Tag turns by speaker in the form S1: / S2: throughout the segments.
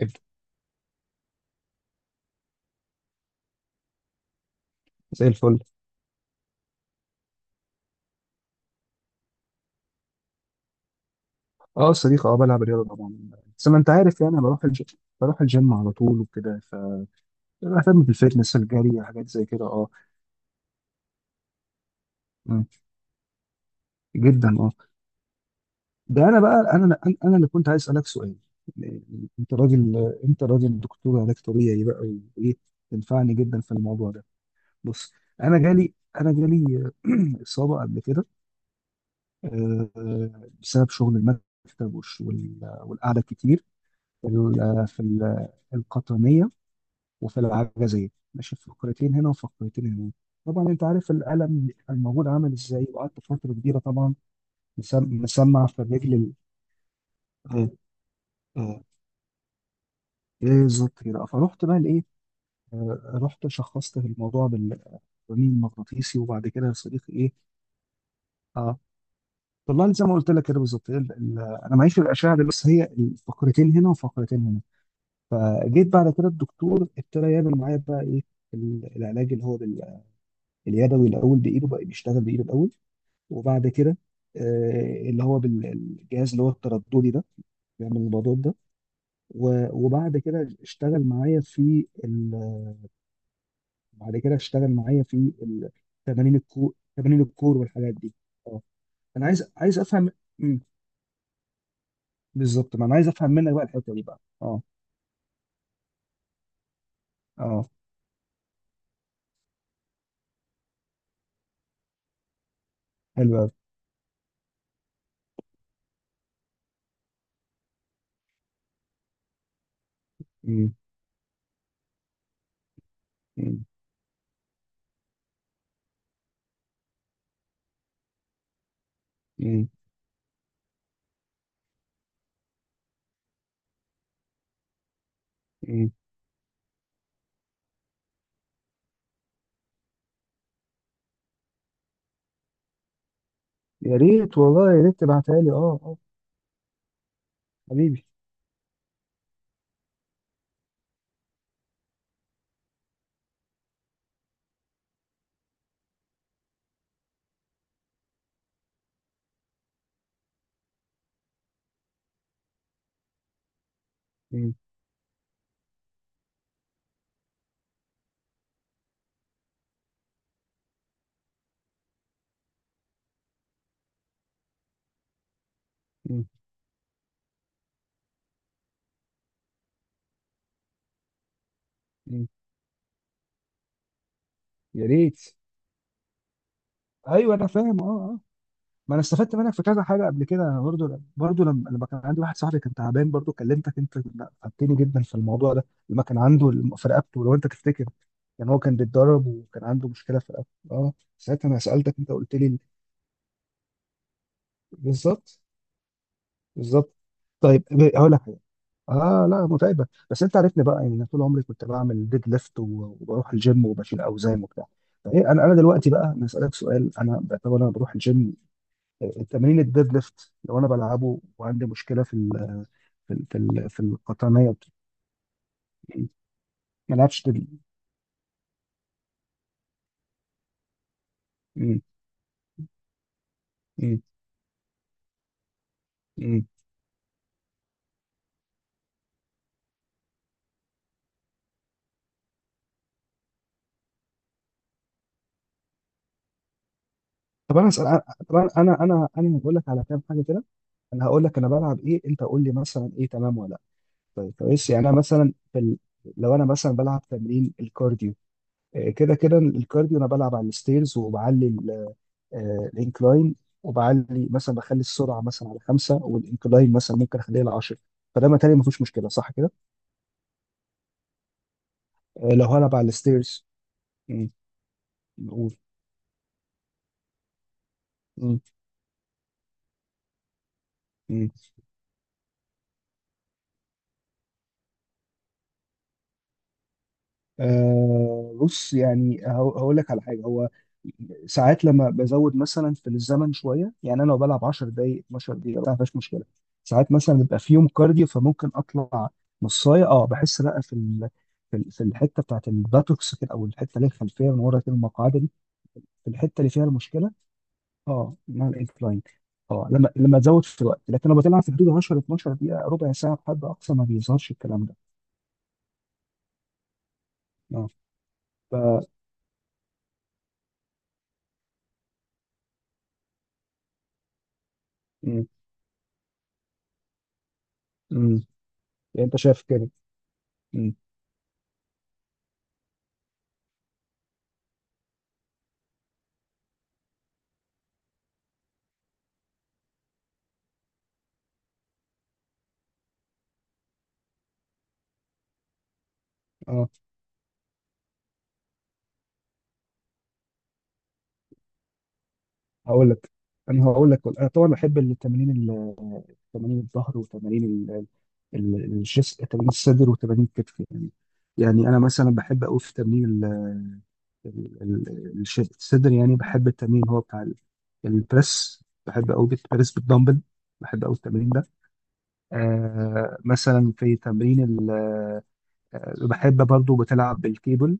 S1: إد- زي الفل. اه صديق، اه بلعب رياضه طبعا. بس ما انت عارف يعني أنا بروح الجيم بروح الجيم على طول وكده. بهتم بالفتنس، الجري، حاجات زي كده، اه. مم. جدا اه. ده انا بقى انا انا أنا اللي كنت عايز اسالك سؤال. انت راجل انت راجل دكتور علاج طبيعي بقى، وايه تنفعني جدا في الموضوع ده. بص، انا جالي انا جالي اصابه قبل كده، آه، بسبب شغل المكتب والقعده كتير في ال- في ال- القطنيه وفي العجزية، ماشي فقرتين هنا وفقرتين هنا. طبعا انت عارف الألم الموجود عامل ازاي، وقعدت فترة كبيرة طبعا. مسمع في الرجل آه، آه، ايه ذكري بقى، فرحت بقى لايه. رحت شخصت الموضوع بالرنين المغناطيسي، وبعد كده يا صديقي ايه. اه، طلع لي زي ما قلت لك كده بالظبط، انا معيش في الاشعه دي، بس هي فقرتين هنا وفقرتين هنا. فجيت بعد كده الدكتور ابتدى يعمل معايا بقى ايه، العلاج اللي هو اليدوي الاول بايده، بقى بيشتغل بايده الاول، وبعد كده اللي هو بالجهاز اللي هو الترددي ده، بيعمل البضات ده، وبعد كده اشتغل معايا في بعد كده اشتغل معايا في ال- تمارين الكور، تمارين الكور والحاجات دي. اه، انا عايز افهم. مم. بالظبط، ما انا عايز افهم منك بقى الحته دي بقى، اه اه. حلو قوي. مم. مم. مم. مم. يا ريت والله، يا ريت تبعتها لي، اه اه. حبيبي. مم. مم. مم. يا ريت. ايوه انا فاهم، اه آه. ما انا استفدت منك في كذا حاجه قبل كده، انا برضو لما كان عندي واحد صاحبي كان تعبان، برضو كلمتك انت، لا، فادتني جدا في الموضوع ده لما كان عنده في رقبته، لو انت تفتكر. هو كان بيتدرب وكان عنده مشكله في رقبته، اه ساعتها انا سالتك، انت قلت لي بالظبط بالظبط. طيب، هقول لك حاجه. اه لا متعبه، بس انت عارفني بقى، يعني انا طول عمري كنت بعمل ديد ليفت وبروح الجيم وبشيل اوزان وبتاع. فايه انا، دلوقتي بقى انا اسالك سؤال، انا بعتبر انا بروح الجيم، تمرين الديد ليفت لو انا بلعبه وعندي مشكله في ال في ال في, ال في القطنيه ما العبش ديد. مم. مم. مم. طب انا أسأل، طب انا هقول لك على كام حاجه كده. انا هقول لك انا بلعب ايه، انت قول لي مثلا ايه تمام ولا لا. طيب كويس، يعني انا مثلا في لو انا مثلا بلعب تمرين الكارديو، كده كده الكارديو، انا بلعب على الستيرز وبعلي الانكلاين، وبعلي مثلا بخلي السرعه مثلا على خمسه والانكلاين مثلا ممكن اخليها على 10، فده متهيألي ما فيهوش مشكله، صح كده. لو هلعب على الستيرز. مم. نقول. مم. مم. بص، يعني هقول لك على حاجه، هو ساعات لما بزود مثلا في الزمن شويه، يعني انا لو بلعب 10 دقائق 12 دقيقه ما فيهاش مشكله. ساعات مثلا بيبقى في يوم كارديو فممكن اطلع نصايه، اه بحس لا في في الحته بتاعت الباتوكس كده، او الحته اللي هي الخلفيه من ورا كده، المقعده دي، في الحته اللي فيها المشكله، اه مع الانكلاين. اه، لما تزود في الوقت، لكن لو بتلعب في حدود 10 12 دقيقه، ربع ساعه بحد اقصى ما بيظهرش الكلام ده. اه ف مم. مم. يعني انت شايف كده. مم. اه هقول لك، انا طبعا بحب التمارين تمارين الظهر وتمارين الجس، تمارين الصدر وتمارين الكتف، يعني يعني انا مثلا بحب قوي في تمرين الصدر، يعني بحب التمرين هو بتاع البريس، بحب قوي البريس بالدمبل، بحب قوي التمرين ده. مثلا في تمرين، بحب برضو بتلعب بالكيبل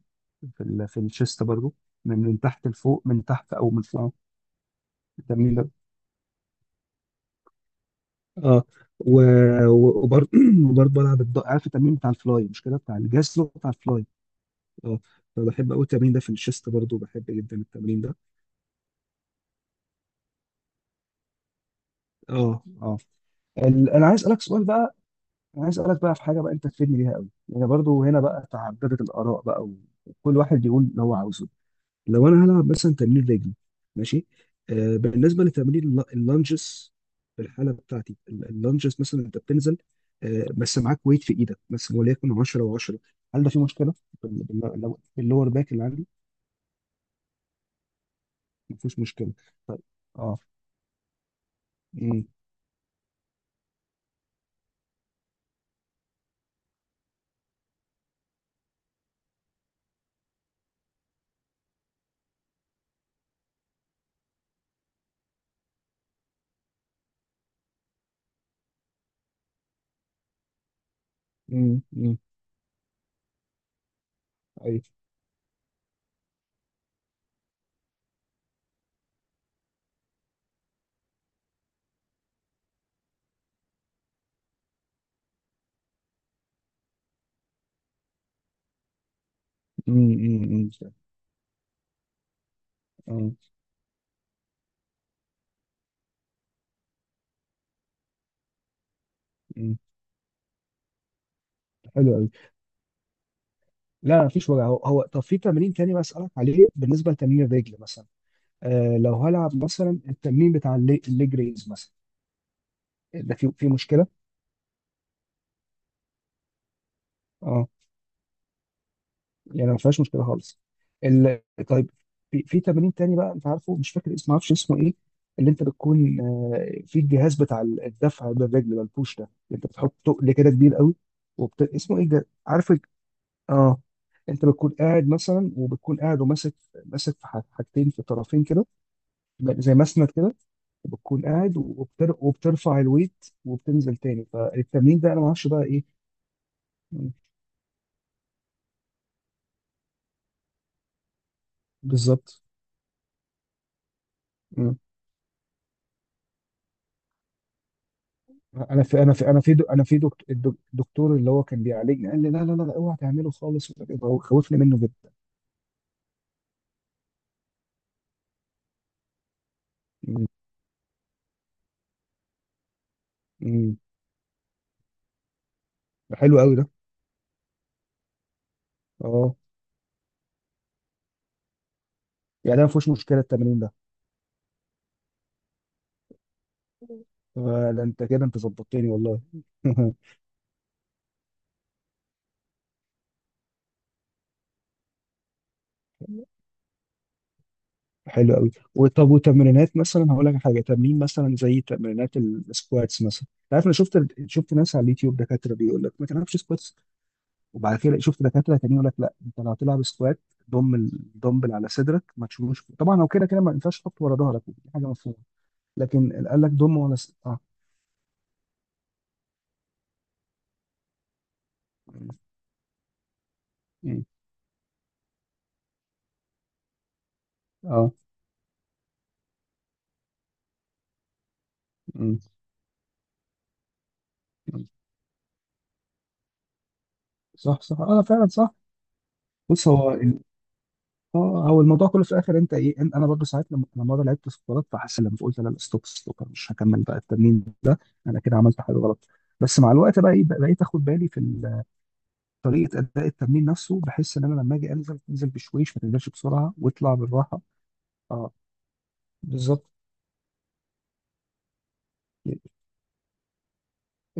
S1: في في الشيست برضو، من تحت لفوق، من تحت او من فوق، التمرين ده. اه، و... و- وبر- وبرضه بلعب عارف التمرين بتاع الفلاي، مش كده، بتاع الجسر بتاع الفلاي، اه. فبحب قوي التمرين ده في الشيست، برضه بحب جدا التمرين ده، اه اه. انا عايز اسالك سؤال بقى، انا عايز اسالك بقى في حاجه بقى انت تفيدني بيها قوي، يعني برضه هنا بقى تعددت الاراء بقى وكل واحد يقول اللي هو عاوزه. لو انا هلعب مثلا تمرين رجل، ماشي، بالنسبه لتمرين اللانجز، في الحاله بتاعتي اللانجز مثلا انت بتنزل، بس معاك ويت في ايدك بس، وليكن 10 و10، هل ده في مشكله لو اللور باك اللي عندي، ما فيهوش مشكله، طيب، اه. امم. امم. امم. ايوه. امم. امم. امم. امم. حلو قوي. لا ما فيش وجع هو هو، طب في تمرين تاني بسألك عليه، بالنسبه لتمرين الرجل مثلا، لو هلعب مثلا التمرين بتاع الليج ريز مثلا، ده في مشكله. اه يعني ما فيهاش مشكله خالص ال... طيب في تمرين تاني بقى، انت عارفه مش فاكر اسمه، ما اعرفش اسمه ايه، اللي انت بتكون في الجهاز بتاع الدفع بالرجل ده، البوش ده، اللي انت بتحط تقل كده كبير قوي اسمه ايه ده، عارف اه. انت بتكون قاعد مثلا، وبتكون قاعد وماسك، ماسك في حاجتين في الطرفين كده، زي مسند كده، وبتكون قاعد وبترفع الويت وبتنزل تاني، فالتمرين ده انا ما اعرفش بقى ايه. بالظبط. انا في دكتور، الدكتور اللي هو كان بيعالجني قال لي لا لا لا لا، اوعى تعمله خالص ومش عارف إيه. هو خوفني منه جدا. أمم. أمم. ده حلو قوي ده. اه يعني ده ما فيهوش مشكله التمرين ده. ده انت كده، انت ظبطتني والله. حلو قوي. وطب، وتمرينات مثلا، هقول لك حاجه، تمرين مثلا زي تمرينات السكواتس مثلا، انت عارف انا شفت ناس على اليوتيوب دكاتره بيقول لك ما تعرفش سكواتس، وبعد كده شفت دكاتره تانيين يقول لك لا، انت لو هتلعب سكوات ضم الدمبل على صدرك ما تشيلوش، طبعا هو كده كده ما ينفعش تحطه ورا ظهرك، دي حاجه مفهومه، لكن قال لك ضم ولا اه. مم. اه. مم. مم. صح صح، اه فعلا صح. بص هو اه، هو الموضوع كله في الاخر، انت ايه، انا برضو ساعات، لما مره لعبت سكوات فحسيت، لما قلت لا لا ستوب ستوب، أنا مش هكمل بقى التمرين ده، انا كده عملت حاجه غلط. بس مع الوقت بقى ايه، بقيت اخد بالي في طريقه اداء التمرين نفسه، بحس ان انا لما اجي انزل، انزل بشويش، ما تنزلش بسرعه واطلع بالراحه، اه بالظبط.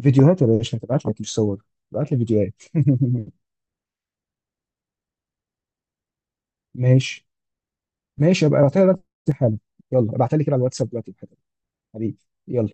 S1: فيديوهات يا باشا، هتبعت لك مش صور، هتبعت لي فيديوهات. ماشي، ماشي ابقى ابعتها لك دلوقتي حالا، يلا ابعتها لي كده على الواتساب دلوقتي حالا. حبيبي، يلا.